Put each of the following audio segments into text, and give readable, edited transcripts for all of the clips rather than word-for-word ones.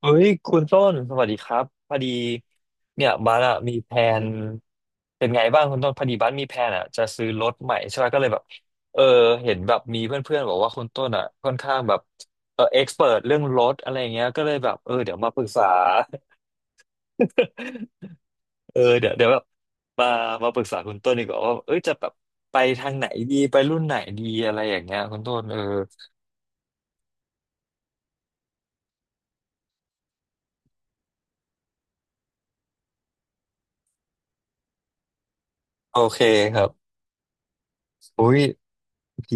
เฮ้ยคุณต้นสวัสดีครับพอดีเนี่ยบ้านอะมีแพลนเป็นไงบ้างคุณต้นพอดีบ้านมีแพลนอะจะซื้อรถใหม่ใช่ไหมก็เลยแบบเออเห็นแบบมีเพื่อนๆบอกว่าคุณต้นอะค่อนข้างแบบเออเอ็กซ์เเรื่องรถอะไรเงี้ยก็เลยแบบเดี๋ยวมาปรึกษา เออเดี๋ยวเดี๋ยวแบบมามาปรึกษาคุณต้นดีกว่าว่าเอ้ยจะแบบไปทางไหนดีไปรุ่นไหนดีอะไรอย่างเงี้ยคุณต้นโอเคครับอุ้ยดี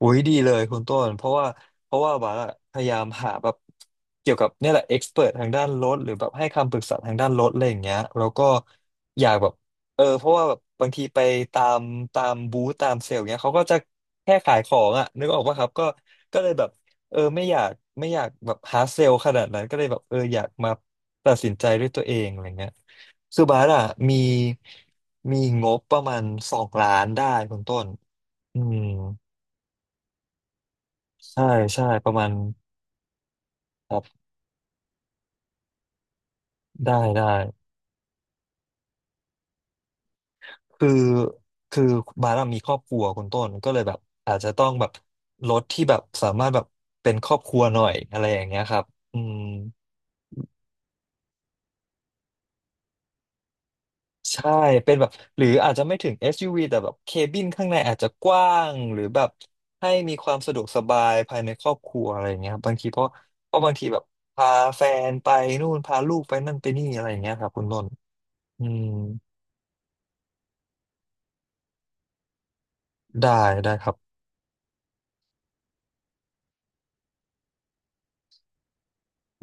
อุ้ยดีเลยคุณต้นเพราะว่าบาร์อะพยายามหาแบบเกี่ยวกับเนี่ยแหละเอ็กซ์เพรทางด้านรถหรือแบบให้คำปรึกษาทางด้านรถอะไรอย่างเงี้ยแล้วก็อยากแบบเพราะว่าแบบบางทีไปตามตามบูธตามเซลล์เงี้ยเขาก็จะแค่ขายของอ่ะนึกออกปะครับก็เลยแบบไม่อยากแบบหาเซลล์ขนาดนั้นก็เลยแบบอยากมาตัดสินใจด้วยตัวเองอะไรเงี้ยคือบาร์อะมีมีงบประมาณสองล้านได้คุณต้นอืม ใช่ใช่ประมาณครับได้ได้คือคือบาร์มีครอบครัวคุณต้นก็เลยแบบอาจจะต้องแบบรถที่แบบสามารถแบบเป็นครอบครัวหน่อยอะไรอย่างเงี้ยครับอืมใช่เป็นแบบหรืออาจจะไม่ถึง SUV แต่แบบเคบินข้างในอาจจะกว้างหรือแบบให้มีความสะดวกสบายภายในครอบครัวอะไรอย่างเงี้ยครับบางทีเพราะบางทีแบบพาแฟนไปนู่นพาลูกไปนั่นไปนี่อะไรอย่างเงี้ยครับคุณต้นอืมได้ได้ครับ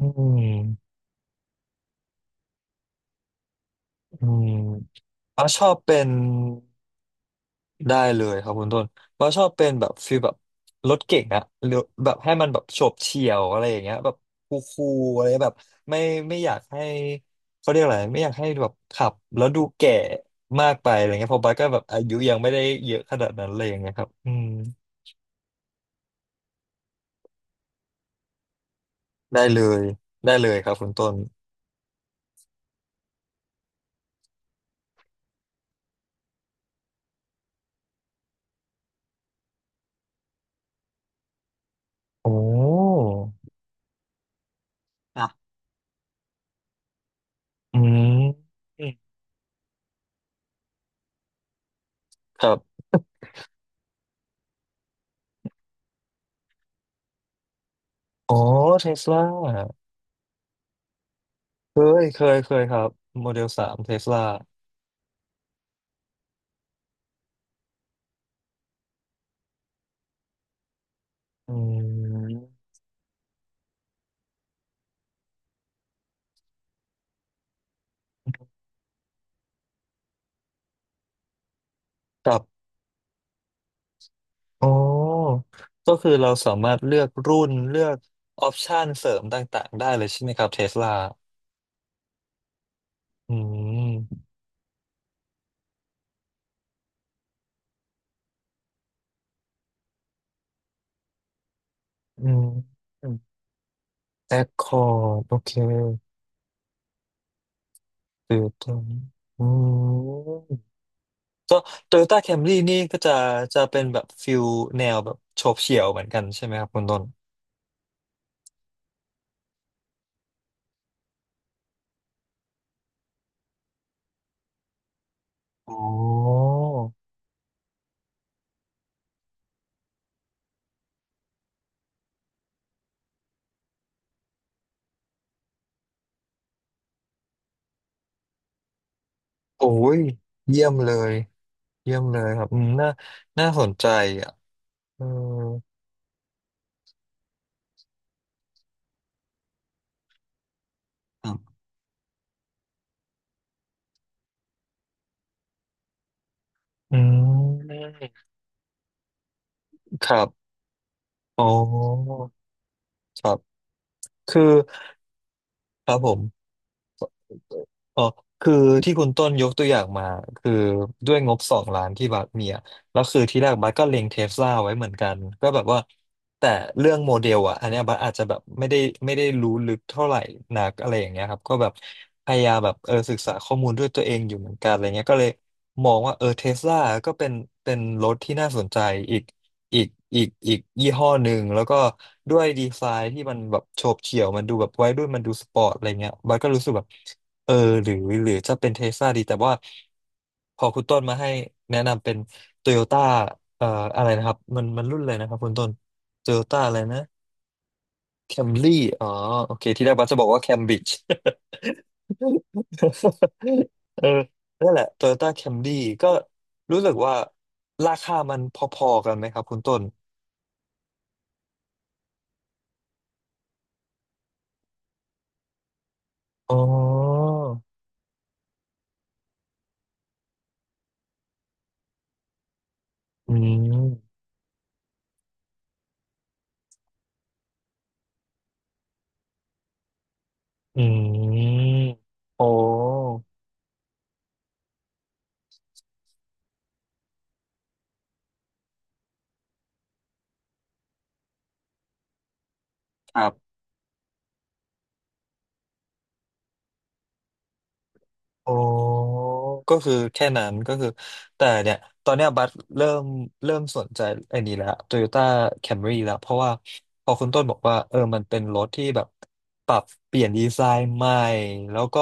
อืมอืม ว่าชอบเป็นได้เลยครับคุณต้นว่าชอบเป็นแบบฟีลแบบรถเก๋งอะหรือแบบให้มันแบบโฉบเฉี่ยวอะไรอย่างเงี้ยแบบคูลๆอะไรแบบไม่อยากให้เขาเรียกอะไรไม่อยากให้แบบขับแล้วดูแก่มากไปอะไรเงี้ยเพราะบัสก็แบบอายุยังไม่ได้เยอะขนาดนั้นอะไรอย่างเงี้ยครับอืมได้เลยได้เลยครับคุณต้นโอ้อ่ะอืมอืมครับอ๋อเทสลาเคยเคยเคยครับโมเดลสามเทสลา อืมกับอ๋อ ก็คือเราสามารถเลือกรุ่นเลือกออปชันเสริมต่างๆได้เลยใช่ไหมครับเทสลาอืมอืมแอคคอร์ดโอเคตือตรงอืมก็โตโยต้าแคมรี่นี่ก็จะเป็นแบบฟิลแนวแบบโฉบเฉี่ยวเหมือนกันใช่ไหมครับคุณต้นอ๋อโอ้ยเยี่ยมเลยเยี่ยมเลยครับอืมน่าสนใจอ่ะเออ อืมครับอ๋อครับคือครับผม อ๋อคือที่คุณต้นยกตัวอย่างมาคือด้วยงบสองล้านที่บัสมีอะแล้วคือที่แรกบัสก็เล็งเทสลาไว้เหมือนกันก็แบบว่าแต่เรื่องโมเดลอ่ะอันเนี้ยบัสอาจจะแบบไม่ได้รู้ลึกเท่าไหร่นักอะไรอย่างเงี้ยครับก็แบบพยายามแบบศึกษาข้อมูลด้วยตัวเองอยู่เหมือนกันอะไรเงี้ยก็เลยมองว่าเทสลาก็เป็นรถที่น่าสนใจอีกอีกอีกยี่ห้อหนึ่งแล้วก็ด้วยดีไซน์ที่มันแบบโฉบเฉี่ยวมันดูแบบวัยรุ่นมันดูสปอร์ตอะไรเงี้ยบัสก็รู้สึกแบบ เออหรือจะเป็นเทสลาดีแต่ว่าพอคุณต้นมาให้แนะนำเป็นโตโยต้าเอ่ออะไรนะครับมันรุ่นเลยนะครับคุณต้นโตโยต้าอะไรนะแคมรี่อ๋อโอเคที่แรกบัสจะบอกว่าแคมบริดจ์ เออนั่นแหละโตโยต้าแคมรี่ก็รู้สึกว่าราคามันพอๆกันไหมครับคุณต้นอ๋ออืมอืมโอ้ครับ อ๋อก็คือแค่นั้นก็คือแต่เนี่ยตอนเนี้ยบัสเริ่มสนใจไอ้นี่แล้ว Toyota Camry แล้วเพราะว่าพอคุณต้นบอกว่ามันเป็นรถที่แบบปรับเปลี่ยนดีไซน์ใหม่แล้วก็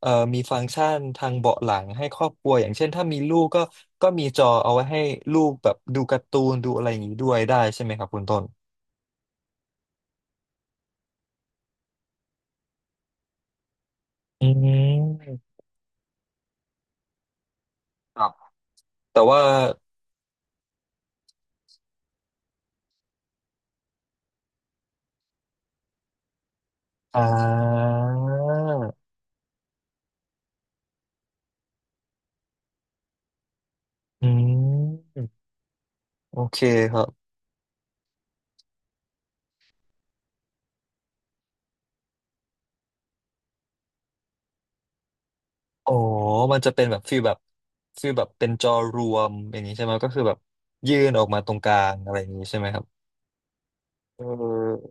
มีฟังก์ชันทางเบาะหลังให้ครอบครัวอย่างเช่นถ้ามีลูกก็มีจอเอาไว้ให้ลูกแบบดูการ์ตูนดูอะไรอย่างนี้ด้วยได้ใช่ไหมครับคุณต้นอืมครับแต่ว่าอ่าอืมโอเคครับ อ๋อ มันจะเป็นแบบฟีลแบบเป็นจอรวมอย่างนี้ใช่ไหมก็คือแบบยื่นออกมาตรงกลางอะไรอย่างนี้ใช่ไหมครับเออ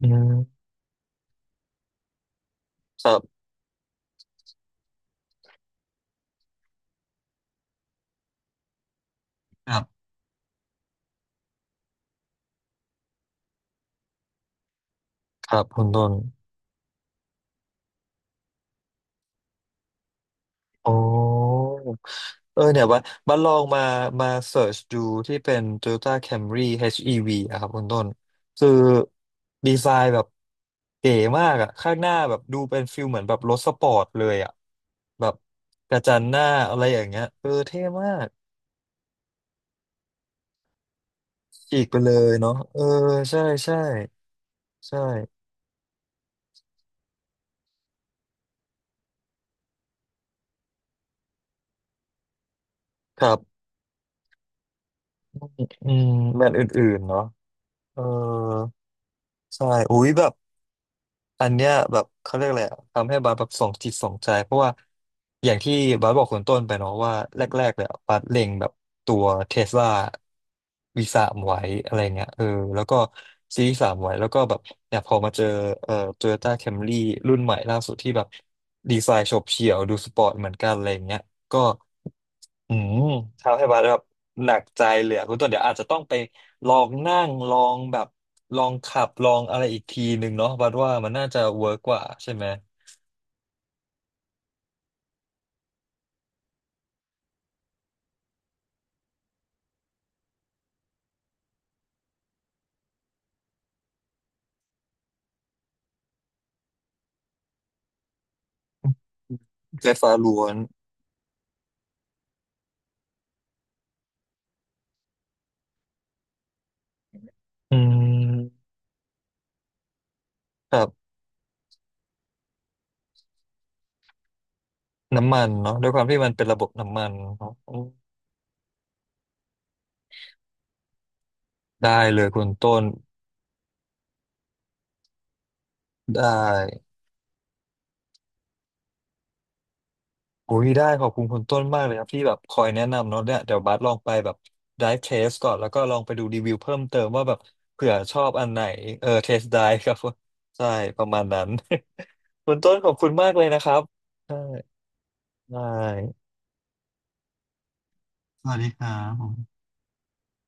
อืมครับครับครับคุณต้นอ๋ออเนี่ยว่าบัดลองมาเสิร์ชดูที่เป็น Toyota Camry HEV อชอีวีอะครับคุณต้นคือดีไซน์แบบเก๋มากอะข้างหน้าแบบดูเป็นฟิลเหมือนแบบรถสปอร์ตเลยอะแบบกระจังหน้าอะไรอย่างเงี้ยเออเท่มาก ฉีกไปเลยเนาะเออใช่ใช่ใช่ครับอืมแมตช์อื่นๆเนาะเออใช่อุ้ยแบบอันเนี้ยแบบเขาเรียกอะไรอะทำให้บาสแบบสองจิตสองใจเพราะว่าอย่างที่บาสบอกคนต้นไปเนาะว่าแรกๆเลยอะบาสเล็งแบบตัวเทสลาวีสามไว้อะไรเงี้ยแล้วก็ซีสามไว้แล้วก็แบบเนี่ยพอมาเจอโตโยต้าแคมรี่รุ่นใหม่ล่าสุดที่แบบดีไซน์โฉบเฉี่ยวดูสปอร์ตเหมือนกันอะไรเงี้ยก็ อืมทำให้บัสแบบหนักใจเลยอะคุณต้นเดี๋ยวอาจจะต้องไปลองนั่งลองแบบลองขับลองอะไรอีกทีหนึ่งเนาะบัสว่ามันน่าจะเวิร์กกว่าใช่ไหมไฟฟ้าล้วนอืมแบบน้ำมันเนาะด้วยความที่มันเป็นระบบน้ำมันเนาะอืมได้เลยคุณต้นได้ โอ้ยได้ขอบคุณคุณต้นมากเลยครับที่แบบคอยแนะนำเนาะเนี่ยเดี๋ยวบาสลองไปแบบ dive test ก่อนแล้วก็ลองไปดูรีวิวเพิ่มเติมว่าแบบเผื่อชอบอันไหนtest dive ครับใช่ประมาณนั้น คุณต้นขอบคุณมากเลยนะครับได้ได้สวัสดีครับผม